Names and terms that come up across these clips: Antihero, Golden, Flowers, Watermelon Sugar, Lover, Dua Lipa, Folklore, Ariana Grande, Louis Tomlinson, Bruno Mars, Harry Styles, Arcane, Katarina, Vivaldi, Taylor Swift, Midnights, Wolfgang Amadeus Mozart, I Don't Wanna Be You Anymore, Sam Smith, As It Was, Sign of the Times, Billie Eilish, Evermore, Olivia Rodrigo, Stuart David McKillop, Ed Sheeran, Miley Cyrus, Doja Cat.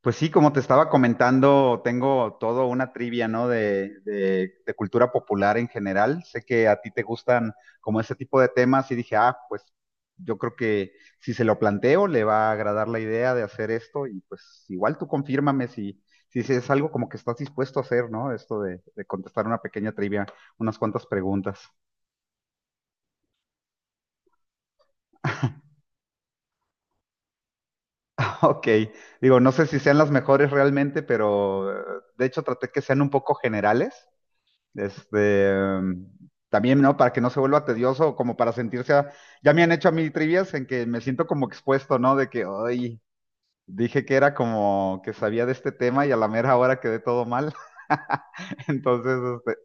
Pues sí, como te estaba comentando, tengo todo una trivia, ¿no? De cultura popular en general. Sé que a ti te gustan como ese tipo de temas y dije, ah, pues yo creo que si se lo planteo, le va a agradar la idea de hacer esto y pues igual tú confírmame si, si es algo como que estás dispuesto a hacer, ¿no? Esto de contestar una pequeña trivia, unas cuantas preguntas. Ok, digo, no sé si sean las mejores realmente, pero de hecho traté que sean un poco generales. Este, em, También, ¿no? Para que no se vuelva tedioso, como para sentirse, a- ya me han hecho a mí trivias en que me siento como expuesto, ¿no? De que, hoy dije que era como que sabía de este tema y a la mera hora quedé todo mal. Entonces, este,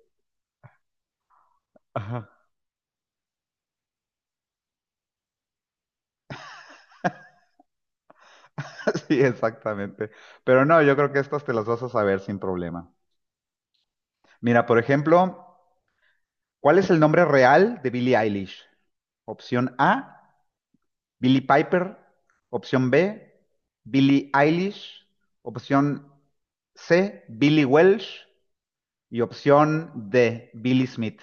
ajá. Sí, exactamente. Pero no, yo creo que estas te las vas a saber sin problema. Mira, por ejemplo, ¿cuál es el nombre real de Billie Eilish? Opción A, Billy Piper, opción B, Billie Eilish, opción C, Billy Welsh y opción D, Billy Smith.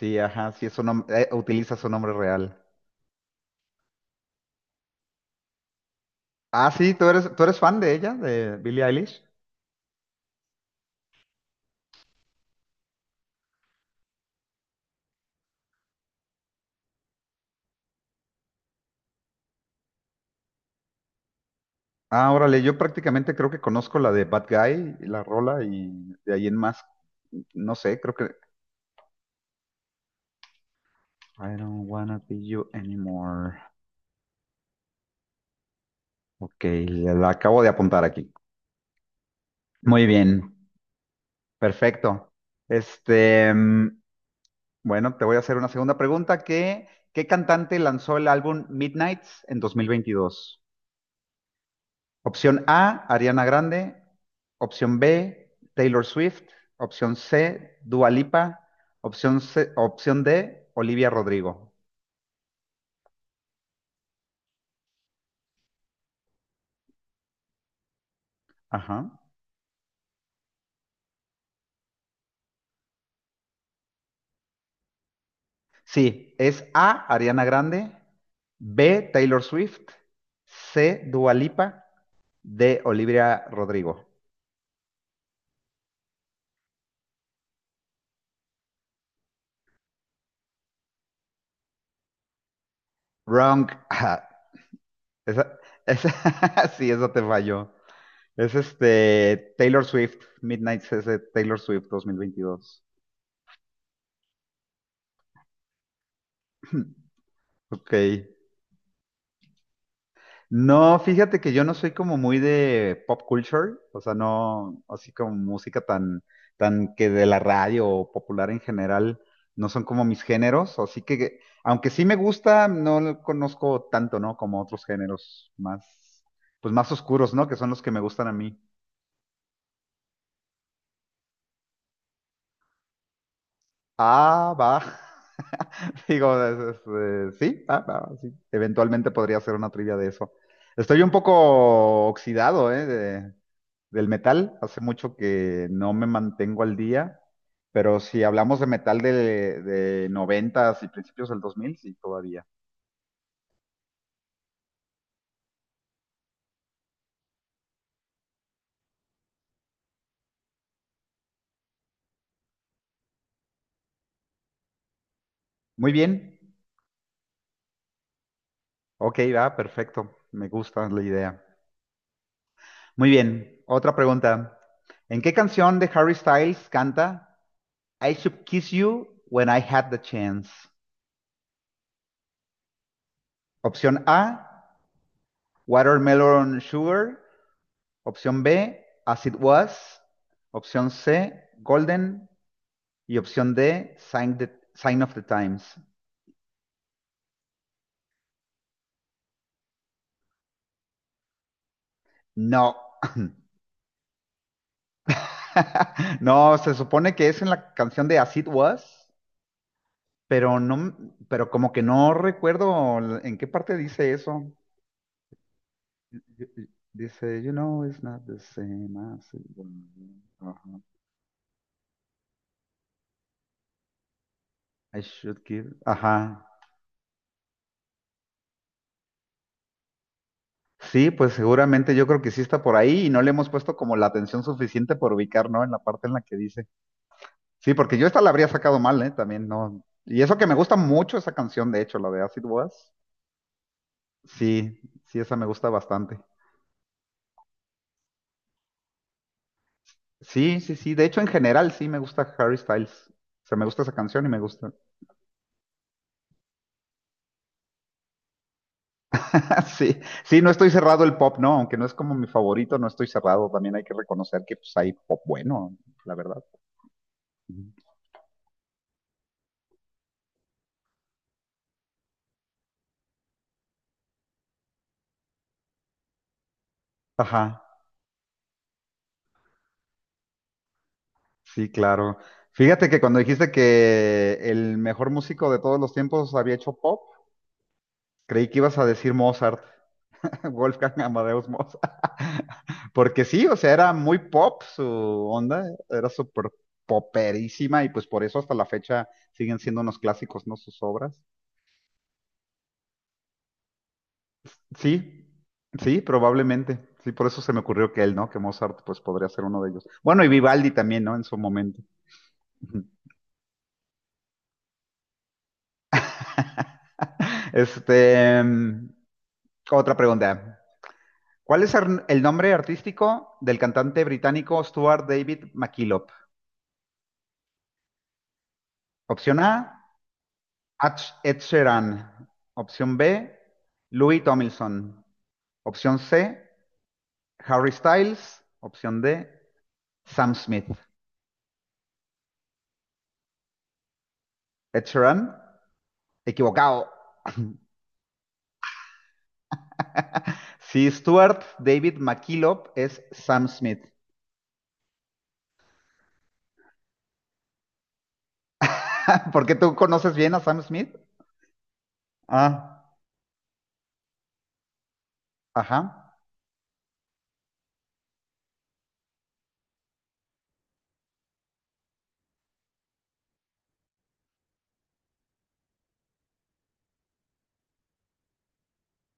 Sí, ajá, sí, es su nom- utiliza su nombre real. Ah, sí, ¿tú eres fan de ella, de Billie Eilish? Ah, órale, yo prácticamente creo que conozco la de Bad Guy, la rola, y de ahí en más, no sé, creo que... I don't wanna be you anymore. Ok, la acabo de apuntar aquí. Muy bien. Perfecto. Este, mm, bueno, te voy a hacer una segunda pregunta. ¿Qué cantante lanzó el álbum Midnights en 2022? Opción A, Ariana Grande. Opción B, Taylor Swift. Opción C, Dua Lipa. Opción C- opción D, Olivia Rodrigo. Ajá. Sí, es A, Ariana Grande. B, Taylor Swift. C, Dua Lipa. D, Olivia Rodrigo. Wrong. Esa, esa, sí, esa te falló. Es este Taylor Swift, Midnight ese Taylor Swift 2022. Ok. No, fíjate que yo no soy como muy de pop culture, o sea, no, así como música tan, tan que de la radio o popular en general, no son como mis géneros, así que, aunque sí me gusta, no lo conozco tanto, ¿no? Como otros géneros más, pues más oscuros, ¿no? Que son los que me gustan a mí. Ah, va. Digo, sí, va, va, sí. Eventualmente podría ser una trivia de eso. Estoy un poco oxidado, ¿eh? De- del metal. Hace mucho que no me mantengo al día, pero si hablamos de metal de noventas y principios del 2000, sí, todavía. Muy bien. Ok, va, perfecto. Me gusta la idea. Muy bien. Otra pregunta. ¿En qué canción de Harry Styles canta I Should Kiss You When I Had the Chance? Opción A, Watermelon Sugar. Opción B, As It Was. Opción C, Golden. Y opción D, Sign, the- Sign of the Times. No. No, se supone que es en la canción de As It Was, pero no, pero como que no recuerdo en qué parte dice eso. Dice, you know, it's not the same as it was. Ajá. I should give. Ajá. Sí, pues seguramente yo creo que sí está por ahí y no le hemos puesto como la atención suficiente por ubicar, ¿no? En la parte en la que dice. Sí, porque yo esta la habría sacado mal, ¿eh? También, ¿no? Y eso que me gusta mucho esa canción, de hecho, la de Acid Was. Sí, sí, esa me gusta bastante. Sí, sí, sí. De hecho, en general sí me gusta Harry Styles. O sea, me gusta esa canción y me gusta. Sí, sí, no estoy cerrado el pop, no, aunque no es como mi favorito, no estoy cerrado. También hay que reconocer que pues hay pop bueno, la verdad. Ujú. Ajá. Sí, claro. Fíjate que cuando dijiste que el mejor músico de todos los tiempos había hecho pop, creí que ibas a decir Mozart, Wolfgang Amadeus Mozart. Porque sí, o sea, era muy pop su onda, era súper poperísima y pues por eso hasta la fecha siguen siendo unos clásicos, ¿no? Sus obras. Sí, sí, probablemente. Sí, por eso se me ocurrió que él, ¿no? Que Mozart pues podría ser uno de ellos. Bueno, y Vivaldi también, ¿no? En su momento. Este, mm, Otra pregunta. ¿Cuál es ar- el nombre artístico del cantante británico Stuart David McKillop? Opción A, Ach- Ed Sheeran. Opción B, Louis Tomlinson. Opción C, Harry Styles. Opción D, Sam Smith. Ed Sheeran, equivocado. Sí, Stuart David McKillop es Sam Smith. ¿Por qué tú conoces bien a Sam Smith? Ah, ajá.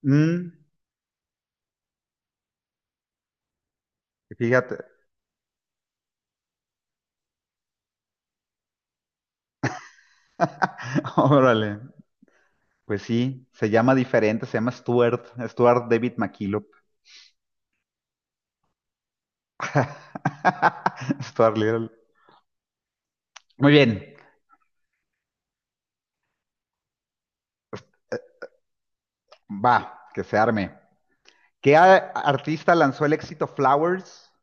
Mm, Fíjate. Órale. Pues sí, se llama diferente, se llama Stuart, Stuart David McKillop. Stuart Little. Muy bien, va, que se arme. ¿Qué a- artista lanzó el éxito Flowers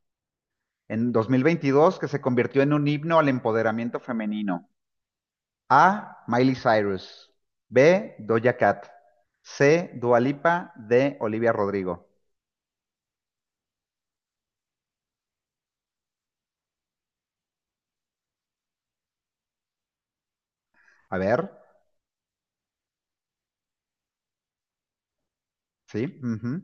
en 2022 que se convirtió en un himno al empoderamiento femenino? A. Miley Cyrus. B. Doja Cat. C. Dua Lipa. D. Olivia Rodrigo. A ver, sí. Ujú.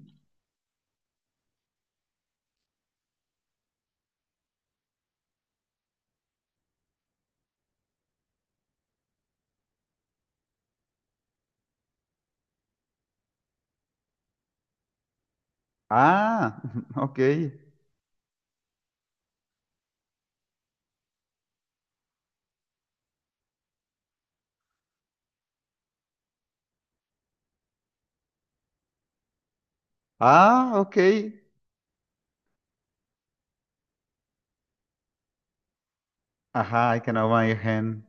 Ah, ok. Ah, ok. Ajá, I can hold my hand.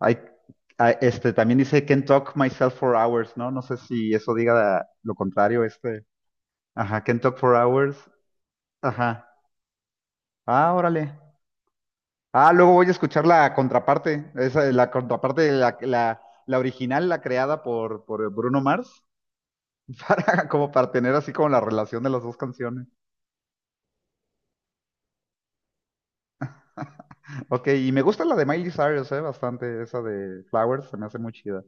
I, también dice can talk myself for hours, ¿no? No sé si eso diga la- lo contrario, este. Ajá, can talk for hours. Ajá. Ah, órale. Ah, luego voy a escuchar la contraparte. Esa, la contraparte, la original, la creada por Bruno Mars, para, como para tener así como la relación de las dos canciones. Ok, y me gusta la de Miley Cyrus, bastante, esa de Flowers, se me hace muy chida.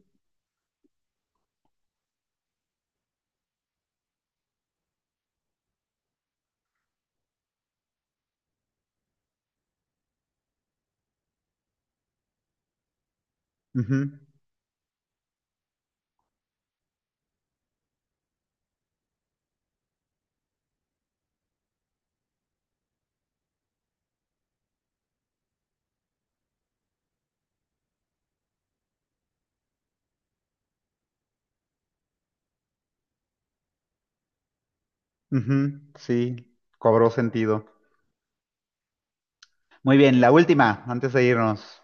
Ujú, ujú, sí, cobró sentido. Muy bien, la última, antes de irnos.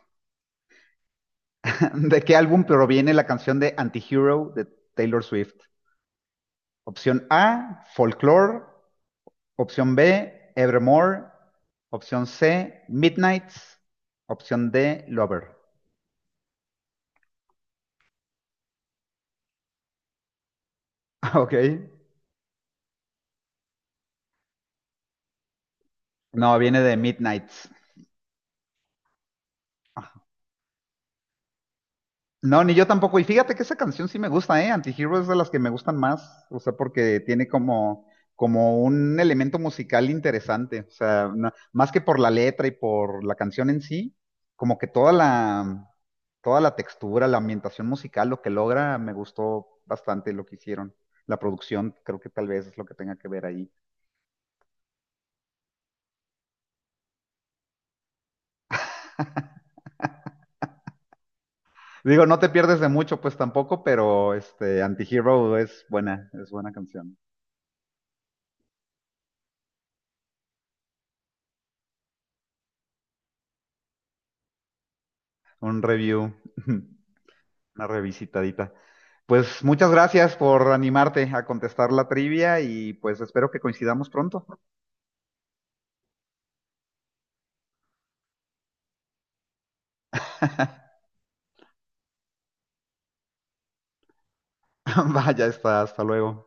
¿De qué álbum proviene la canción de Antihero de Taylor Swift? Opción A, Folklore. Opción B, Evermore. Opción C, Midnights. Opción D, Lover. Ok. No, viene de Midnights. No, ni yo tampoco. Y fíjate que esa canción sí me gusta, ¿eh? Antihero es de las que me gustan más, o sea, porque tiene como, como un elemento musical interesante, o sea, no- más que por la letra y por la canción en sí, como que toda la textura, la ambientación musical, lo que logra, me gustó bastante lo que hicieron. La producción, creo que tal vez es lo que tenga que ver ahí. Digo, no te pierdes de mucho, pues tampoco, pero este, Antihero es buena canción. Un review. Una revisitadita. Pues muchas gracias por animarte a contestar la trivia y pues espero que coincidamos pronto. Vaya, está, hasta luego.